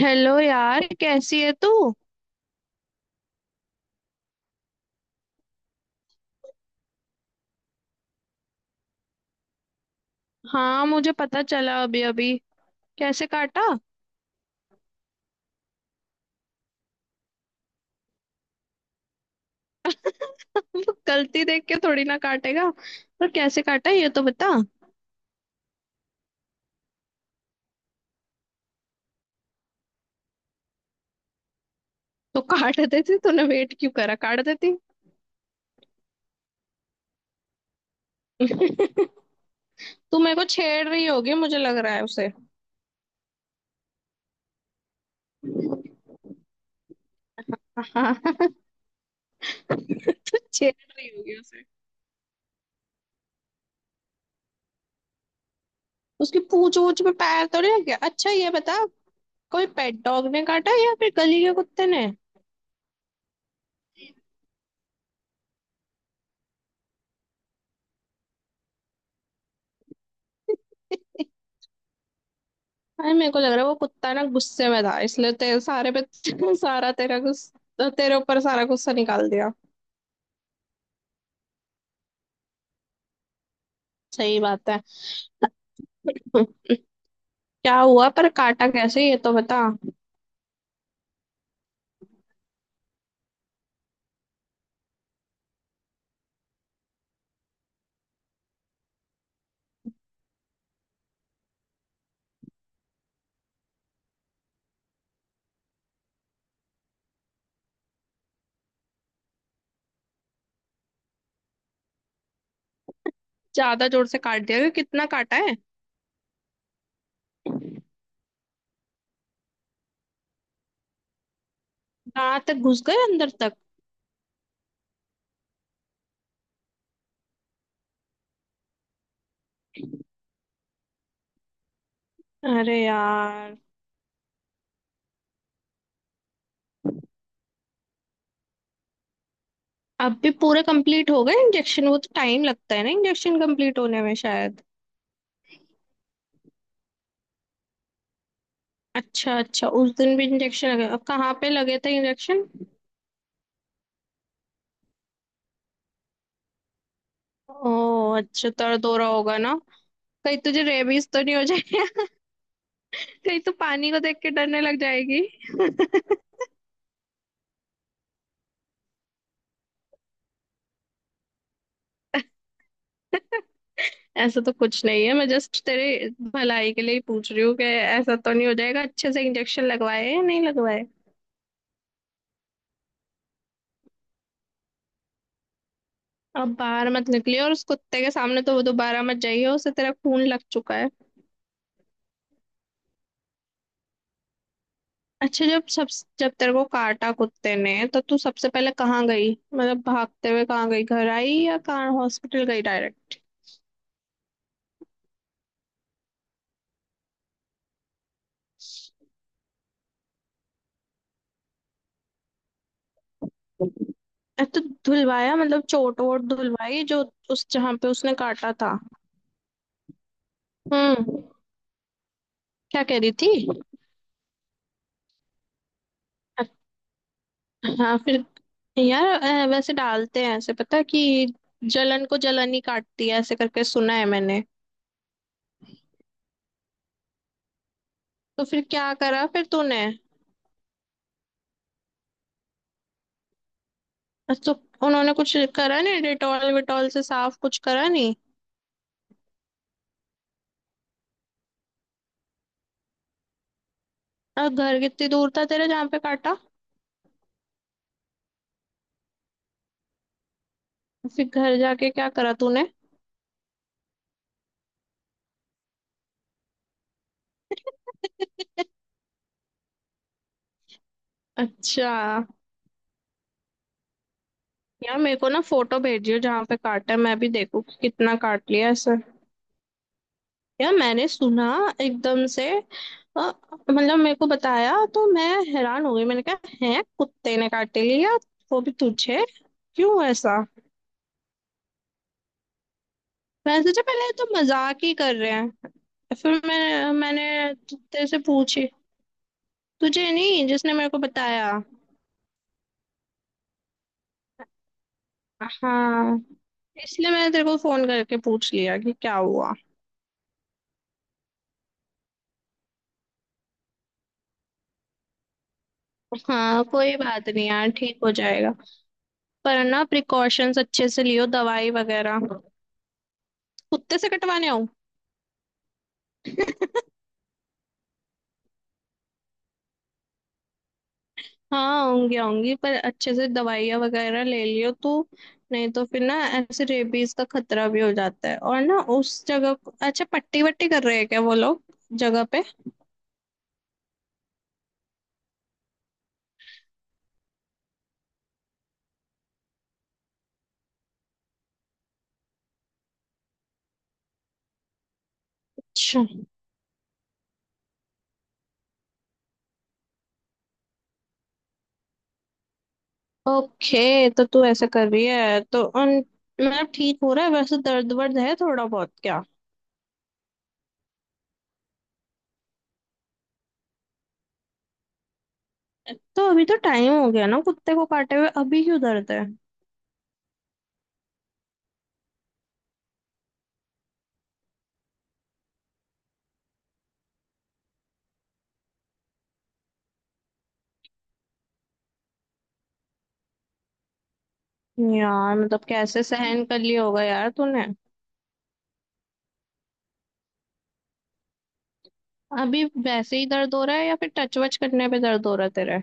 Hello यार, कैसी है तू। हाँ, मुझे पता चला अभी अभी। कैसे काटा? वो गलती देख के थोड़ी ना काटेगा। पर कैसे काटा ये तो बता। तो काट देती, तूने वेट क्यों करा, काट देती। तू मेरे को छेड़ रही होगी, मुझे लग रहा है उसे। हाँ। तू छेड़ रही होगी उसे। उसकी पूंछ वूछ में पैर तो नहीं रख गया, अच्छा ये बता। कोई पेट डॉग ने काटा या फिर गली के कुत्ते ने? अरे मेरे को लग रहा है वो कुत्ता ना गुस्से में था, इसलिए तेरे सारे पे सारा तेरा गुस्सा, तेरे ऊपर सारा गुस्सा निकाल दिया। सही बात है। क्या हुआ, पर काटा कैसे ये तो बता। ज्यादा जोर से काट दिया क्यों? कितना काटा है? दांत तक घुस गए अंदर तक? अरे यार। अब भी पूरे कंप्लीट हो गए इंजेक्शन? वो तो टाइम लगता है ना इंजेक्शन कंप्लीट होने में शायद। अच्छा अच्छा, उस दिन भी इंजेक्शन लगे? अब कहाँ पे लगे थे इंजेक्शन? ओ, अच्छा दर्द हो रहा होगा ना। कहीं तुझे रेबीज तो नहीं हो जाए। गई तो पानी को देख के डरने लग जाएगी। ऐसा तो कुछ नहीं है, मैं जस्ट तेरे भलाई के लिए ही पूछ रही हूँ कि ऐसा तो नहीं हो जाएगा। अच्छे से इंजेक्शन लगवाए या नहीं लगवाए? अब बाहर मत निकली, और उस कुत्ते के सामने तो वो दोबारा मत जाइए, उसे तेरा खून लग चुका है। अच्छा, जब सब, जब तेरे को काटा कुत्ते ने तो तू सबसे पहले कहाँ गई, मतलब भागते हुए कहाँ गई, घर आई या कहाँ, हॉस्पिटल गई डायरेक्ट? अरे तो धुलवाया, मतलब चोट वोट धुलवाई जो, उस जहाँ पे उसने काटा था। हम्म। क्या कह रही थी? हाँ फिर। यार, वैसे डालते हैं ऐसे, पता है कि जलन को जलन ही काटती है, ऐसे करके सुना है मैंने। तो फिर क्या करा फिर तूने? तो उन्होंने कुछ करा नहीं? डेटॉल विटॉल से साफ कुछ करा नहीं? और घर कितनी दूर था तेरे जहाँ पे काटा? फिर घर जाके क्या करा तूने? अच्छा यार, मेरे को ना फोटो भेजियो जहाँ पे काटा है, मैं भी देखूँ कि कितना काट लिया ऐसे। यार मैंने सुना एकदम से, अ, मतलब मेरे को बताया तो मैं हैरान हो गई। मैंने कहा है कुत्ते ने काट लिया, वो भी तुझे, क्यों ऐसा? मैंने सोचा पहले ये तो मजाक ही कर रहे हैं। फिर मैंने कुत्ते से पूछी, तुझे नहीं, जिसने मेरे को बताया। हाँ, इसलिए मैंने तेरे को फोन करके पूछ लिया कि क्या हुआ। हाँ कोई बात नहीं यार, ठीक हो जाएगा। पर ना प्रिकॉशंस अच्छे से लियो, दवाई वगैरह। कुत्ते से कटवाने आओ। हाँ होंगी होंगी, पर अच्छे से दवाइयाँ वगैरह ले लियो, तो नहीं तो फिर ना, ऐसे रेबीज का खतरा भी हो जाता है। और ना उस अच्छा पट्टी वट्टी कर रहे हैं क्या वो लोग जगह पे? अच्छा ओके, तो तू ऐसा कर रही है तो उन, मतलब ठीक हो रहा है वैसे? दर्द वर्द है थोड़ा बहुत क्या? तो अभी तो टाइम हो गया ना कुत्ते को काटे हुए, अभी क्यों दर्द है? यार मतलब कैसे सहन कर लिया होगा यार तूने। अभी वैसे ही दर्द हो रहा है या फिर टच वच करने पे दर्द हो रहा है?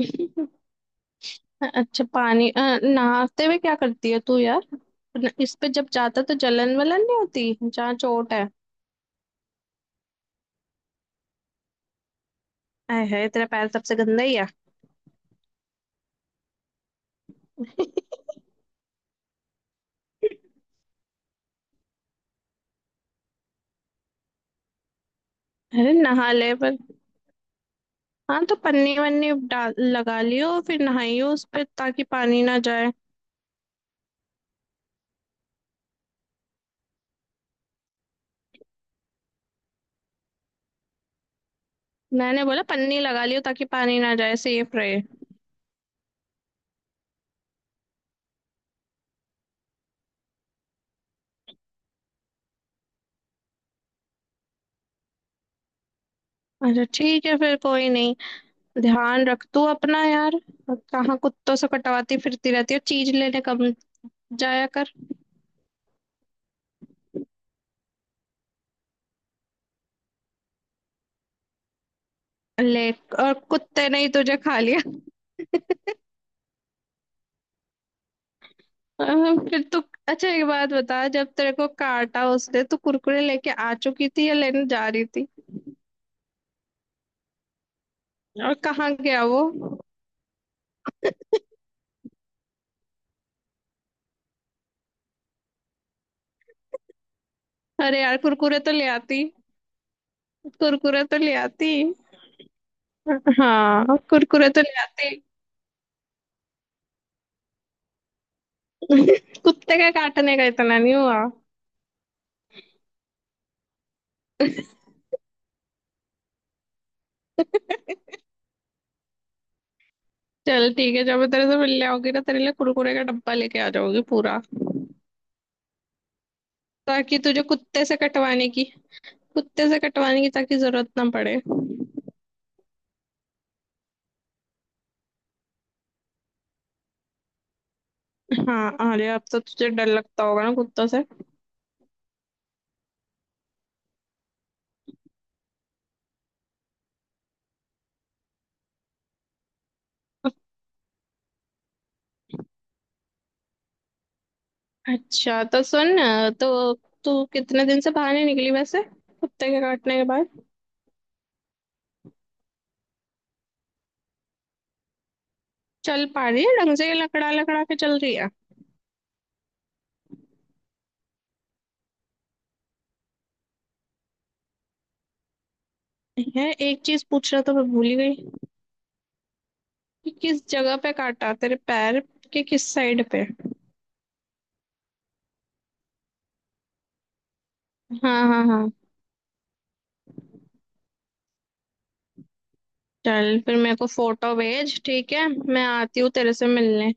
तेरे। अच्छा पानी, नहाते हुए क्या करती है तू यार? इस पे जब जाता तो जलन वलन नहीं होती जहाँ चोट है? आय है, तेरा पैर सबसे गंदा ही है। अरे नहा ले पर, हाँ तो पन्नी वन्नी डाल, लगा लियो, फिर नहाइयो उस पे ताकि पानी ना जाए। मैंने बोला पन्नी लगा लियो ताकि पानी ना जाए, सेफ रहे। अच्छा ठीक है फिर, कोई नहीं। ध्यान रख तू अपना यार। कहाँ कुत्तों से कटवाती फिरती रहती है, चीज लेने कम जाया कर। ले, और कुत्ते ने ही तुझे खा लिया। फिर तो अच्छा, एक बात बता, जब तेरे को काटा उसने तो कुरकुरे लेके आ चुकी थी या लेने जा रही थी? और कहाँ गया वो? अरे यार कुरकुरे तो ले आती। कुरकुरे तो ले आती। हाँ कुरकुरे तो ले आती। कुत्ते का काटने का इतना नहीं हुआ। चल ठीक है, जब मैं तेरे से मिलने आऊंगी ना तेरे लिए कुरकुरे का डब्बा लेके आ जाऊंगी पूरा। ताकि तुझे कुत्ते से कटवाने की, कुत्ते से कटवाने की ताकि जरूरत ना पड़े। हाँ अरे अब तो तुझे डर लगता होगा ना कुत्तों से। अच्छा तो सुन ना, तो तू कितने दिन से बाहर नहीं निकली वैसे, कुत्ते के काटने के बाद? चल पा रही है ढंग से या लकड़ा लकड़ा के चल रही है? है एक चीज पूछना तो मैं भूल ही गई, कि किस जगह पे काटा, तेरे पैर के किस साइड पे? हाँ हाँ हाँ। चल फिर मेरे को फोटो भेज, ठीक है, मैं आती हूँ तेरे से मिलने।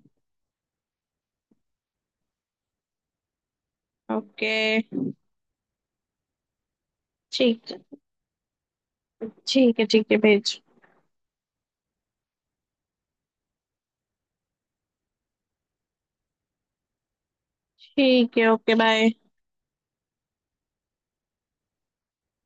ओके। ठीक है ठीक है, ठीक है भेज। ठीक है, ओके बाय।